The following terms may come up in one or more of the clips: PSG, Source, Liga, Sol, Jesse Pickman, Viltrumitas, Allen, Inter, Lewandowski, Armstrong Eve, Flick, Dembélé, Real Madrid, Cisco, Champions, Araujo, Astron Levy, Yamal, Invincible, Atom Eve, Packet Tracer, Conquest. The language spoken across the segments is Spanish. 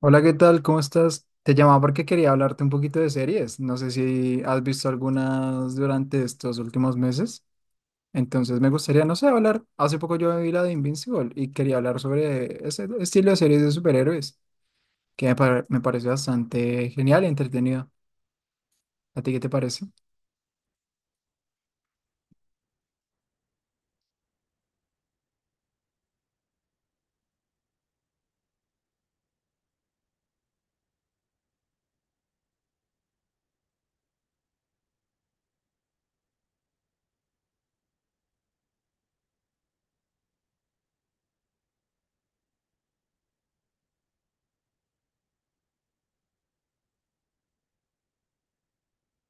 Hola, ¿qué tal? ¿Cómo estás? Te llamaba porque quería hablarte un poquito de series. No sé si has visto algunas durante estos últimos meses. Entonces me gustaría, no sé, hablar. Hace poco yo vi la de Invincible y quería hablar sobre ese estilo de series de superhéroes, que me parece bastante genial y entretenido. ¿A ti qué te parece?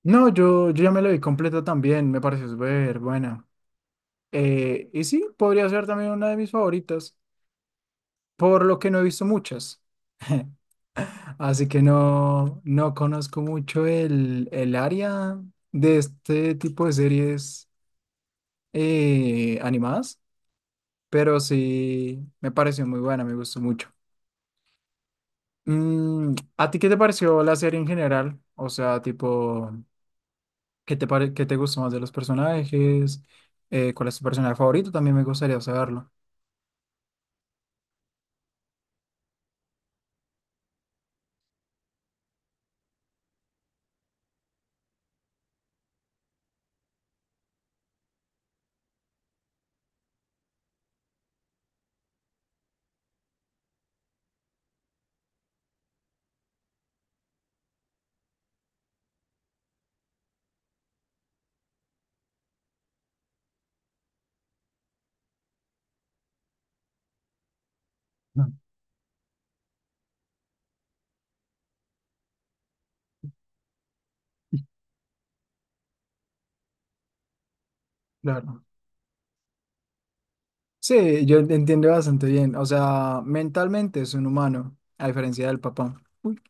No, yo ya me lo vi completo también. Me pareció súper buena. Y sí, podría ser también una de mis favoritas, por lo que no he visto muchas. Así que no, no conozco mucho el área de este tipo de series animadas, pero sí me pareció muy buena, me gustó mucho. ¿A ti qué te pareció la serie en general? O sea, tipo, qué te gustó más de los personajes? ¿Cuál es tu personaje favorito? También me gustaría saberlo. No. Claro. Sí, yo te entiendo bastante bien. O sea, mentalmente es un humano, a diferencia del papá. Uy.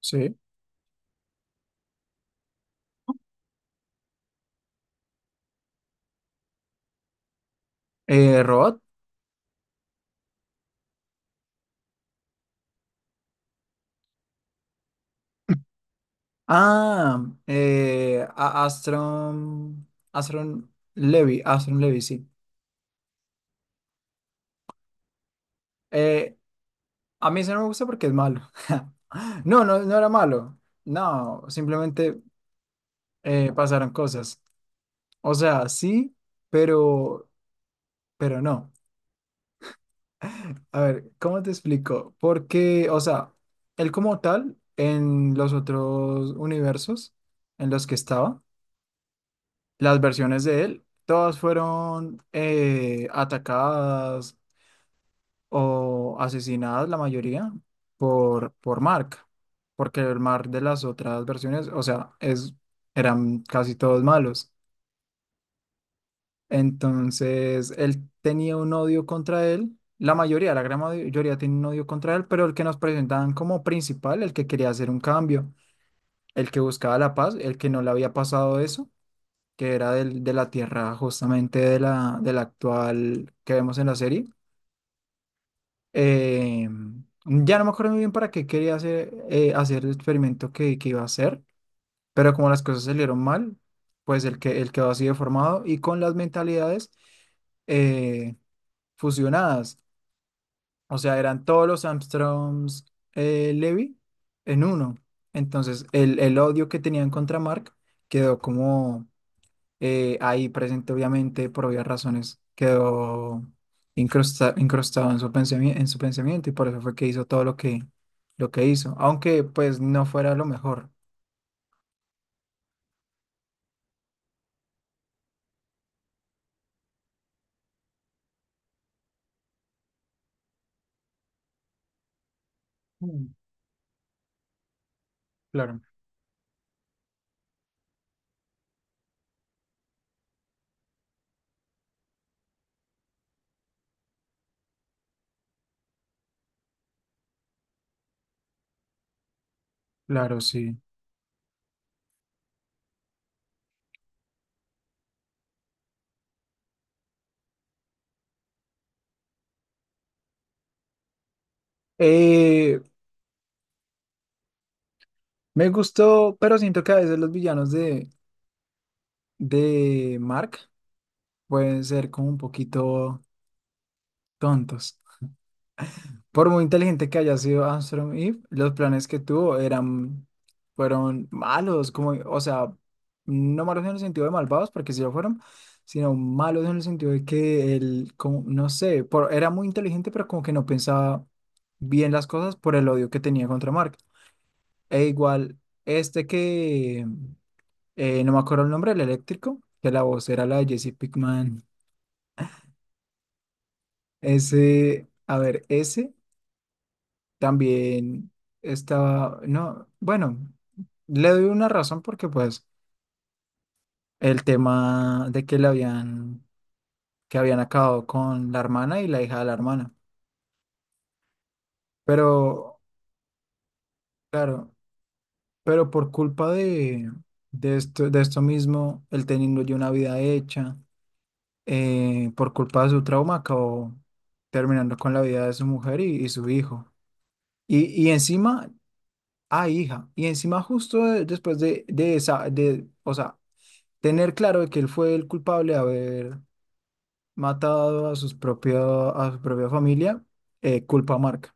Sí. Robot. Astron, Astron Levy, Astron Levy, sí. Eh, a mí ese no me gusta porque es malo. No, no era malo. No, simplemente pasaron cosas. O sea, sí, pero, pero no. A ver, ¿cómo te explico? Porque, o sea, él como tal, en los otros universos en los que estaba, las versiones de él, todas fueron atacadas o asesinadas la mayoría por Mark, porque el Mark de las otras versiones, o sea, es, eran casi todos malos. Entonces, él tenía un odio contra él, la mayoría, la gran mayoría tiene un odio contra él, pero el que nos presentaban como principal, el que quería hacer un cambio, el que buscaba la paz, el que no le había pasado eso, que era de la tierra justamente de la actual que vemos en la serie. Eh, ya no me acuerdo muy bien para qué quería hacer, hacer el experimento que iba a hacer, pero como las cosas salieron mal, pues el quedó así deformado y con las mentalidades eh, fusionadas. O sea, eran todos los Armstrongs Levy en uno. Entonces, el odio que tenían contra Mark quedó como ahí presente, obviamente, por obvias razones, quedó incrustado en su en su pensamiento y por eso fue que hizo todo lo que hizo, aunque pues no fuera lo mejor. Mm, claro, claro, sí. Eh, Me gustó, pero siento que a veces los villanos de Mark pueden ser como un poquito tontos. Por muy inteligente que haya sido Armstrong Eve, los planes que tuvo eran, fueron malos, como, o sea, no malos en el sentido de malvados, porque sí lo fueron, sino malos en el sentido de que él, como, no sé, por, era muy inteligente, pero como que no pensaba bien las cosas por el odio que tenía contra Mark. E igual, este que, no me acuerdo el nombre, el eléctrico, que la voz era la de Jesse Pickman, ese, a ver, ese. También estaba, no, bueno, le doy una razón porque pues el tema de que le habían, que habían acabado con la hermana y la hija de la hermana. Pero, claro, pero por culpa de esto mismo, él teniendo ya una vida hecha, por culpa de su trauma, acabó terminando con la vida de su mujer y su hijo. Y encima, ah, hija, y encima justo después de esa, de, o sea, tener claro de que él fue el culpable de haber matado a sus propia, a su propia familia, culpa marca.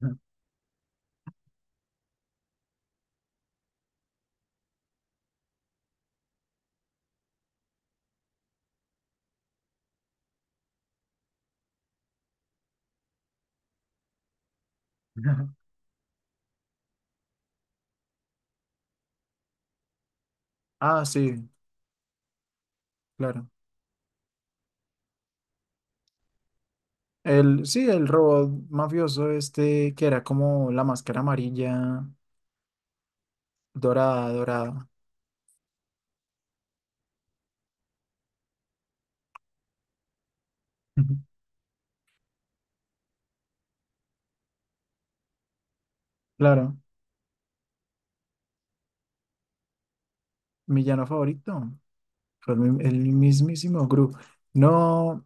Ah, sí, claro. El, sí, el robot mafioso este que era como la máscara amarilla, dorada, dorada. Claro, mi llano favorito. Fue el, mi- el mismísimo Gru. No,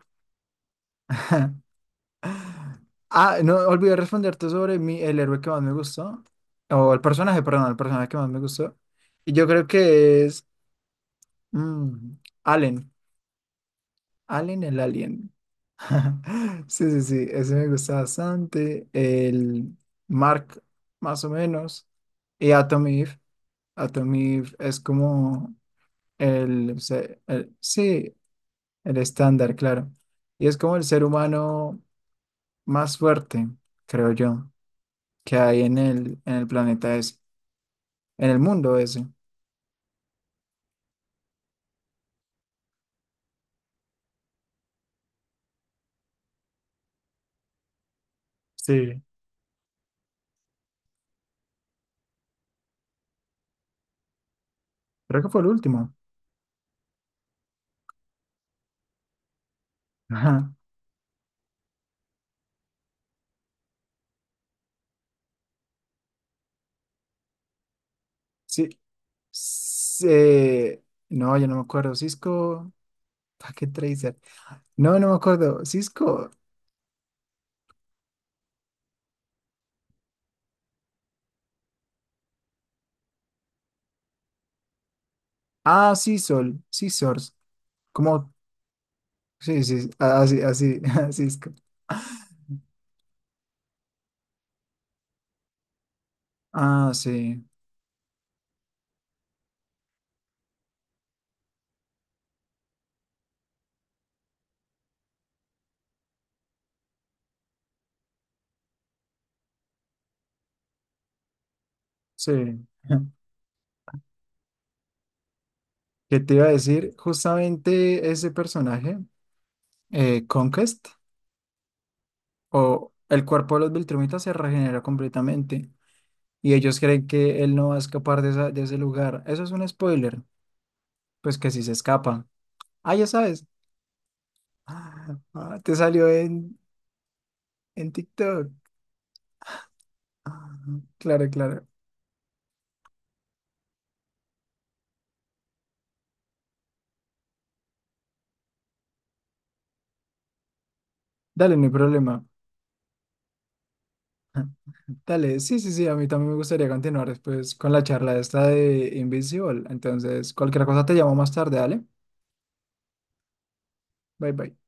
ah, no olvidé responderte sobre mi, el héroe que más me gustó. O el personaje, perdón, el personaje que más me gustó. Y yo creo que es mm, Allen. Allen el alien. Sí, sí, sí. Ese me gusta bastante. El Mark, más o menos. Y Atom Eve. Atom Eve es como sí, el estándar, claro. Y es como el ser humano más fuerte, creo yo, que hay en el planeta ese, en el mundo ese. Sí, creo que fue el último. Ajá. Sí. Sí. No, yo no me acuerdo. Cisco, Packet Tracer. No, no me acuerdo. Cisco. Ah, sí, Sol. Sí, Source. ¿Cómo? Sí, ah, sí, ah, así, así, Cisco. Ah, sí, sí. ¿Qué te iba a decir? Justamente ese personaje, Conquest, o el cuerpo de los Viltrumitas se regenera completamente. Y ellos creen que él no va a escapar de, de ese lugar. Eso es un spoiler, pues que si se escapa. Ah, ya sabes. Ah, ah, te salió en TikTok. Ah, claro, claro. Dale, no hay problema. Ah, dale, sí, sí, sí, a mí también me gustaría continuar después con la charla esta de Invisible. Entonces, cualquier cosa te llamo más tarde, dale. Bye, bye.